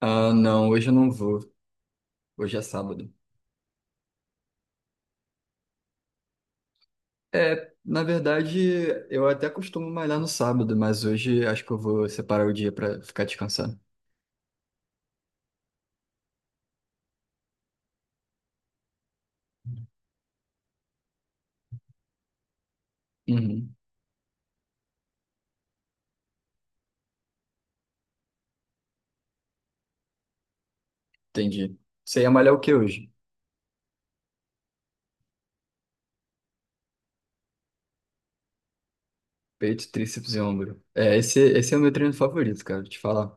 Ah, não, hoje eu não vou. Hoje é sábado. É, na verdade, eu até costumo malhar no sábado, mas hoje acho que eu vou separar o dia pra ficar descansando. Uhum, entendi. Você ia malhar o que hoje? Peito, tríceps e ombro. É, esse é o meu treino favorito, cara, te falar.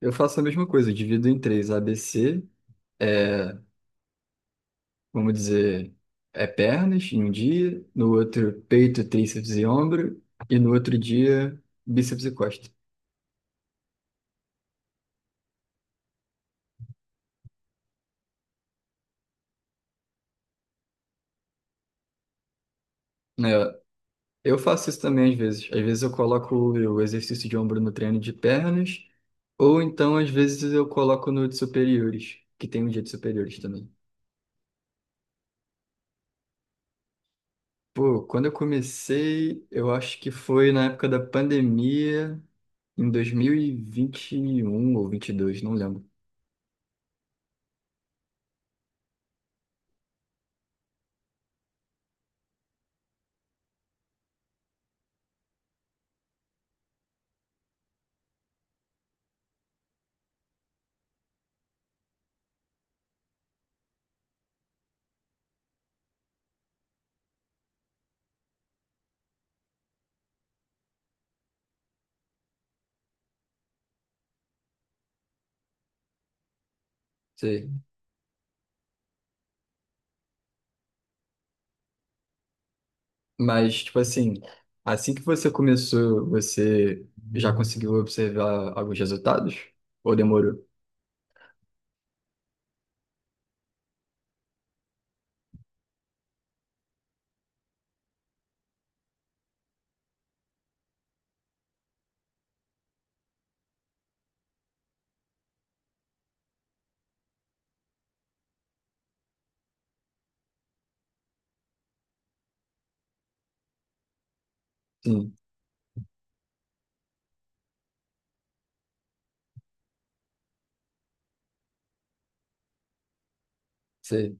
Eu faço a mesma coisa, eu divido em três. ABC, é, vamos dizer, é pernas em um dia, no outro peito, tríceps e ombro, e no outro dia, bíceps e costa. É, eu faço isso também às vezes. Às vezes eu coloco o exercício de ombro no treino de pernas, ou então às vezes eu coloco no de superiores, que tem um dia de superiores também. Pô, quando eu comecei, eu acho que foi na época da pandemia, em 2021 ou 22, não lembro. Sei. Mas, tipo assim, assim que você começou, você já conseguiu observar alguns resultados? Ou demorou? Sim, sei.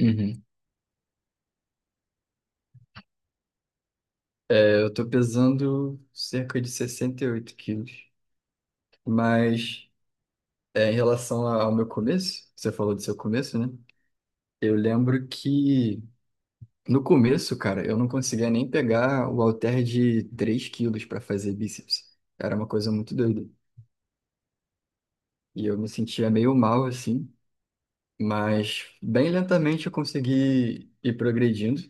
Uhum. Eu tô pesando cerca de 68 quilos. Mas é, em relação ao meu começo, você falou do seu começo, né? Eu lembro que no começo, cara, eu não conseguia nem pegar o halter de 3 quilos para fazer bíceps. Era uma coisa muito doida. E eu me sentia meio mal assim. Mas bem lentamente eu consegui ir progredindo.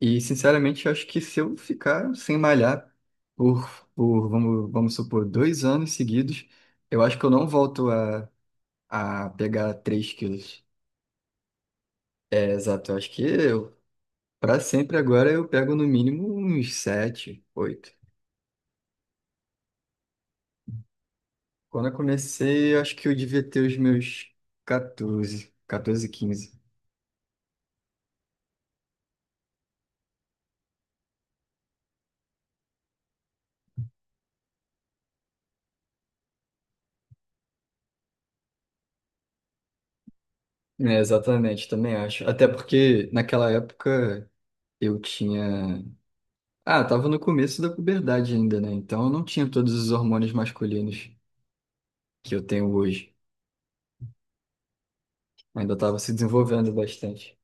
E, sinceramente, eu acho que se eu ficar sem malhar por, por vamos supor, 2 anos seguidos, eu acho que eu não volto a pegar 3 quilos. É, exato, eu acho que eu, para sempre agora, eu pego no mínimo uns 7, 8. Quando eu comecei, eu acho que eu devia ter os meus 14, 14 15. É, exatamente, também acho. Até porque naquela época eu tinha. Ah, tava no começo da puberdade ainda, né? Então eu não tinha todos os hormônios masculinos que eu tenho hoje. Ainda tava se desenvolvendo bastante.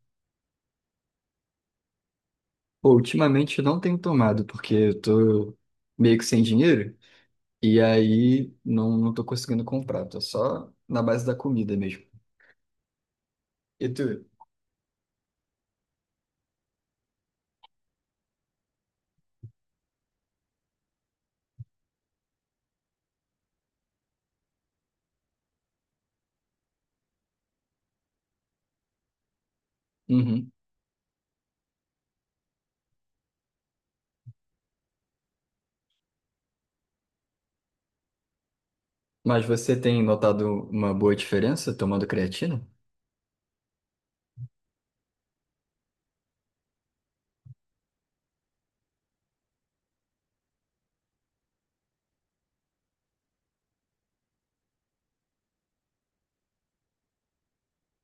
Pô, ultimamente eu não tenho tomado, porque eu tô meio que sem dinheiro. E aí não, não tô conseguindo comprar. Tô só na base da comida mesmo. E tu? Uhum. Mas você tem notado uma boa diferença tomando creatina?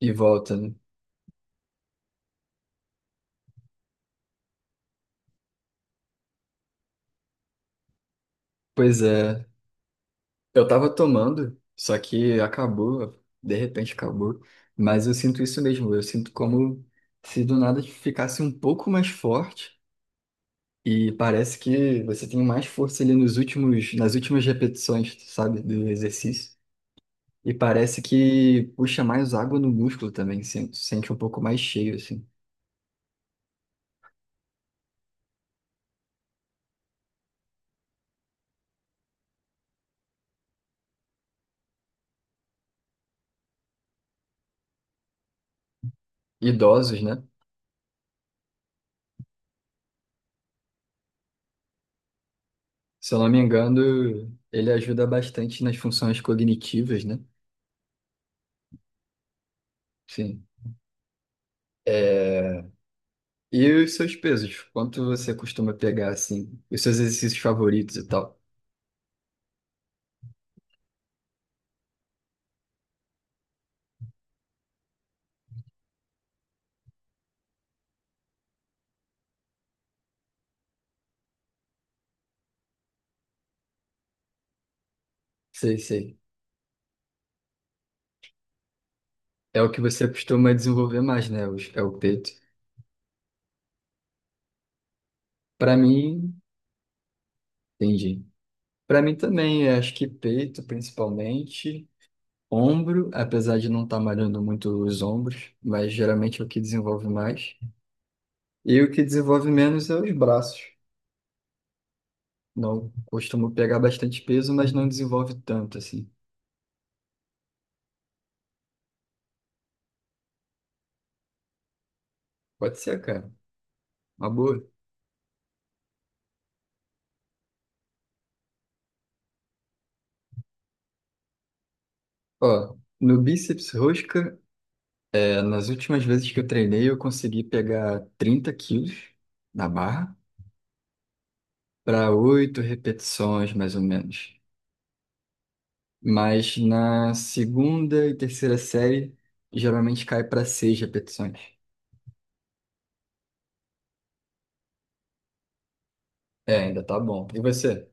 E volta, né? Pois é. Eu tava tomando, só que acabou, de repente acabou. Mas eu sinto isso mesmo, eu sinto como se do nada ficasse um pouco mais forte e parece que você tem mais força ali nos últimos, nas últimas repetições, sabe, do exercício. E parece que puxa mais água no músculo também, sinto, sente um pouco mais cheio, assim. Idosos, né? Se eu não me engano, ele ajuda bastante nas funções cognitivas, né? Sim. É, e os seus pesos? Quanto você costuma pegar, assim? Os seus exercícios favoritos e tal? Sei, sei. É o que você costuma desenvolver mais, né? É o peito. Pra mim, entendi. Pra mim também, eu acho que peito, principalmente. Ombro, apesar de não estar malhando muito os ombros, mas geralmente é o que desenvolve mais. E o que desenvolve menos é os braços. Não costumo pegar bastante peso, mas não desenvolve tanto, assim. Pode ser, cara. Uma boa. Ó, no bíceps rosca. Nas últimas vezes que eu treinei, eu consegui pegar 30 quilos na barra para oito repetições, mais ou menos. Mas na segunda e terceira série, geralmente cai para seis repetições. É, ainda tá bom. E você?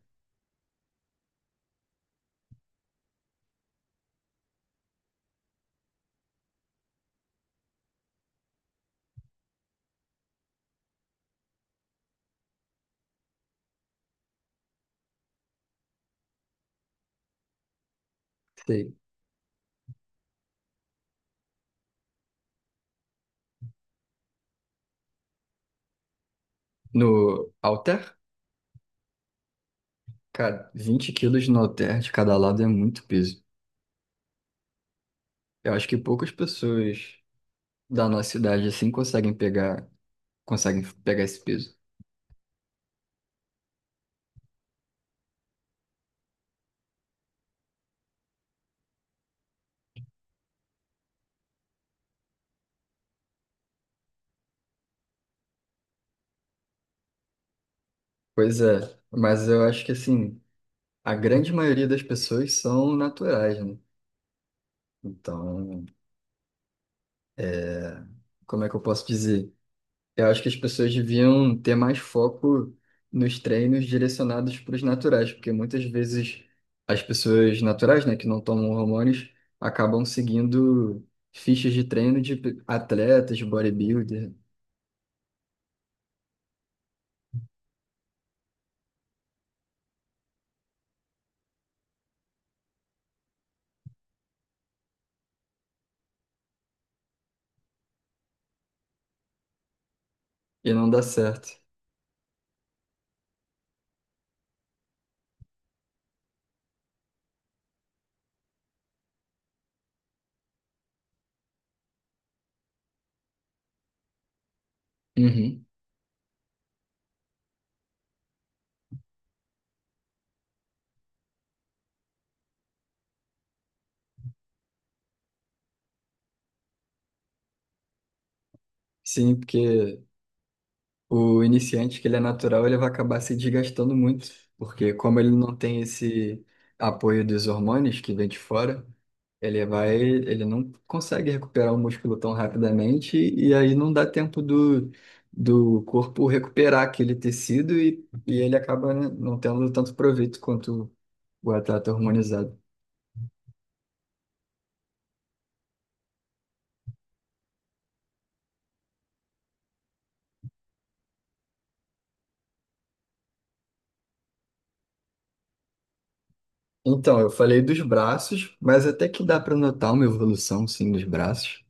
Sei. No halter? Cara, 20 quilos no halter de cada lado é muito peso. Eu acho que poucas pessoas da nossa idade assim conseguem pegar esse peso. Pois é, mas eu acho que assim. A grande maioria das pessoas são naturais, né? Então, como é que eu posso dizer? Eu acho que as pessoas deviam ter mais foco nos treinos direcionados para os naturais, porque muitas vezes as pessoas naturais, né, que não tomam hormônios, acabam seguindo fichas de treino de atletas, de bodybuilder, e não dá certo. Uhum. Sim, porque o iniciante, que ele é natural, ele vai acabar se desgastando muito, porque como ele não tem esse apoio dos hormônios que vem de fora, ele não consegue recuperar o músculo tão rapidamente e aí não dá tempo do corpo recuperar aquele tecido e ele acaba, né, não tendo tanto proveito quanto o atleta hormonizado. Então, eu falei dos braços, mas até que dá para notar uma evolução, sim, dos braços.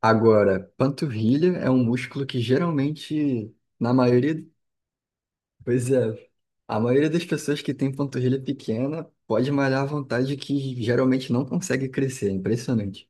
Agora, panturrilha é um músculo que geralmente, na maioria, pois é, a maioria das pessoas que tem panturrilha pequena pode malhar à vontade que geralmente não consegue crescer, é impressionante.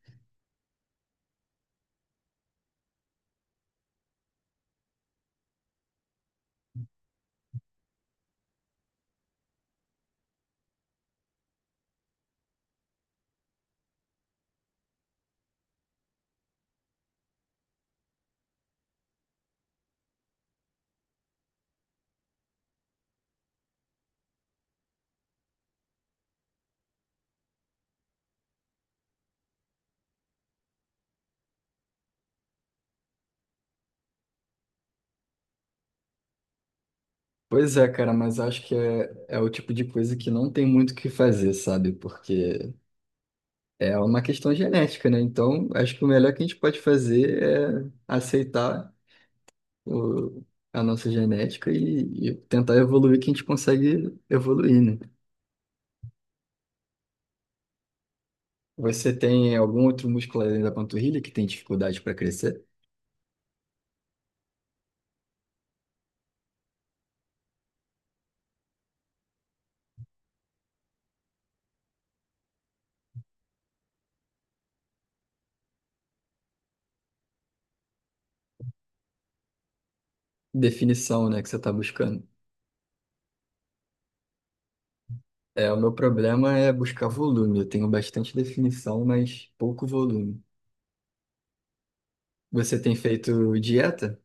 Pois é, cara, mas acho que é o tipo de coisa que não tem muito o que fazer, sabe? Porque é uma questão genética, né? Então, acho que o melhor que a gente pode fazer é aceitar o, a nossa genética e tentar evoluir que a gente consegue evoluir, né? Você tem algum outro músculo além da panturrilha que tem dificuldade para crescer? Definição, né, que você está buscando. É, o meu problema é buscar volume. Eu tenho bastante definição, mas pouco volume. Você tem feito dieta?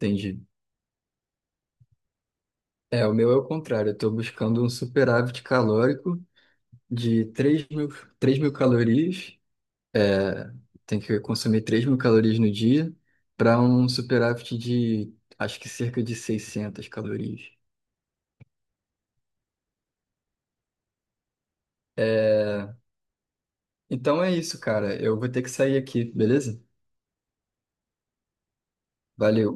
Entendi. É, o meu é o contrário. Eu estou buscando um superávit calórico de 3.000, 3.000 calorias. Tem que consumir 3.000 calorias no dia para um superávit de, acho que cerca de 600 calorias. Então é isso, cara. Eu vou ter que sair aqui, beleza? Valeu.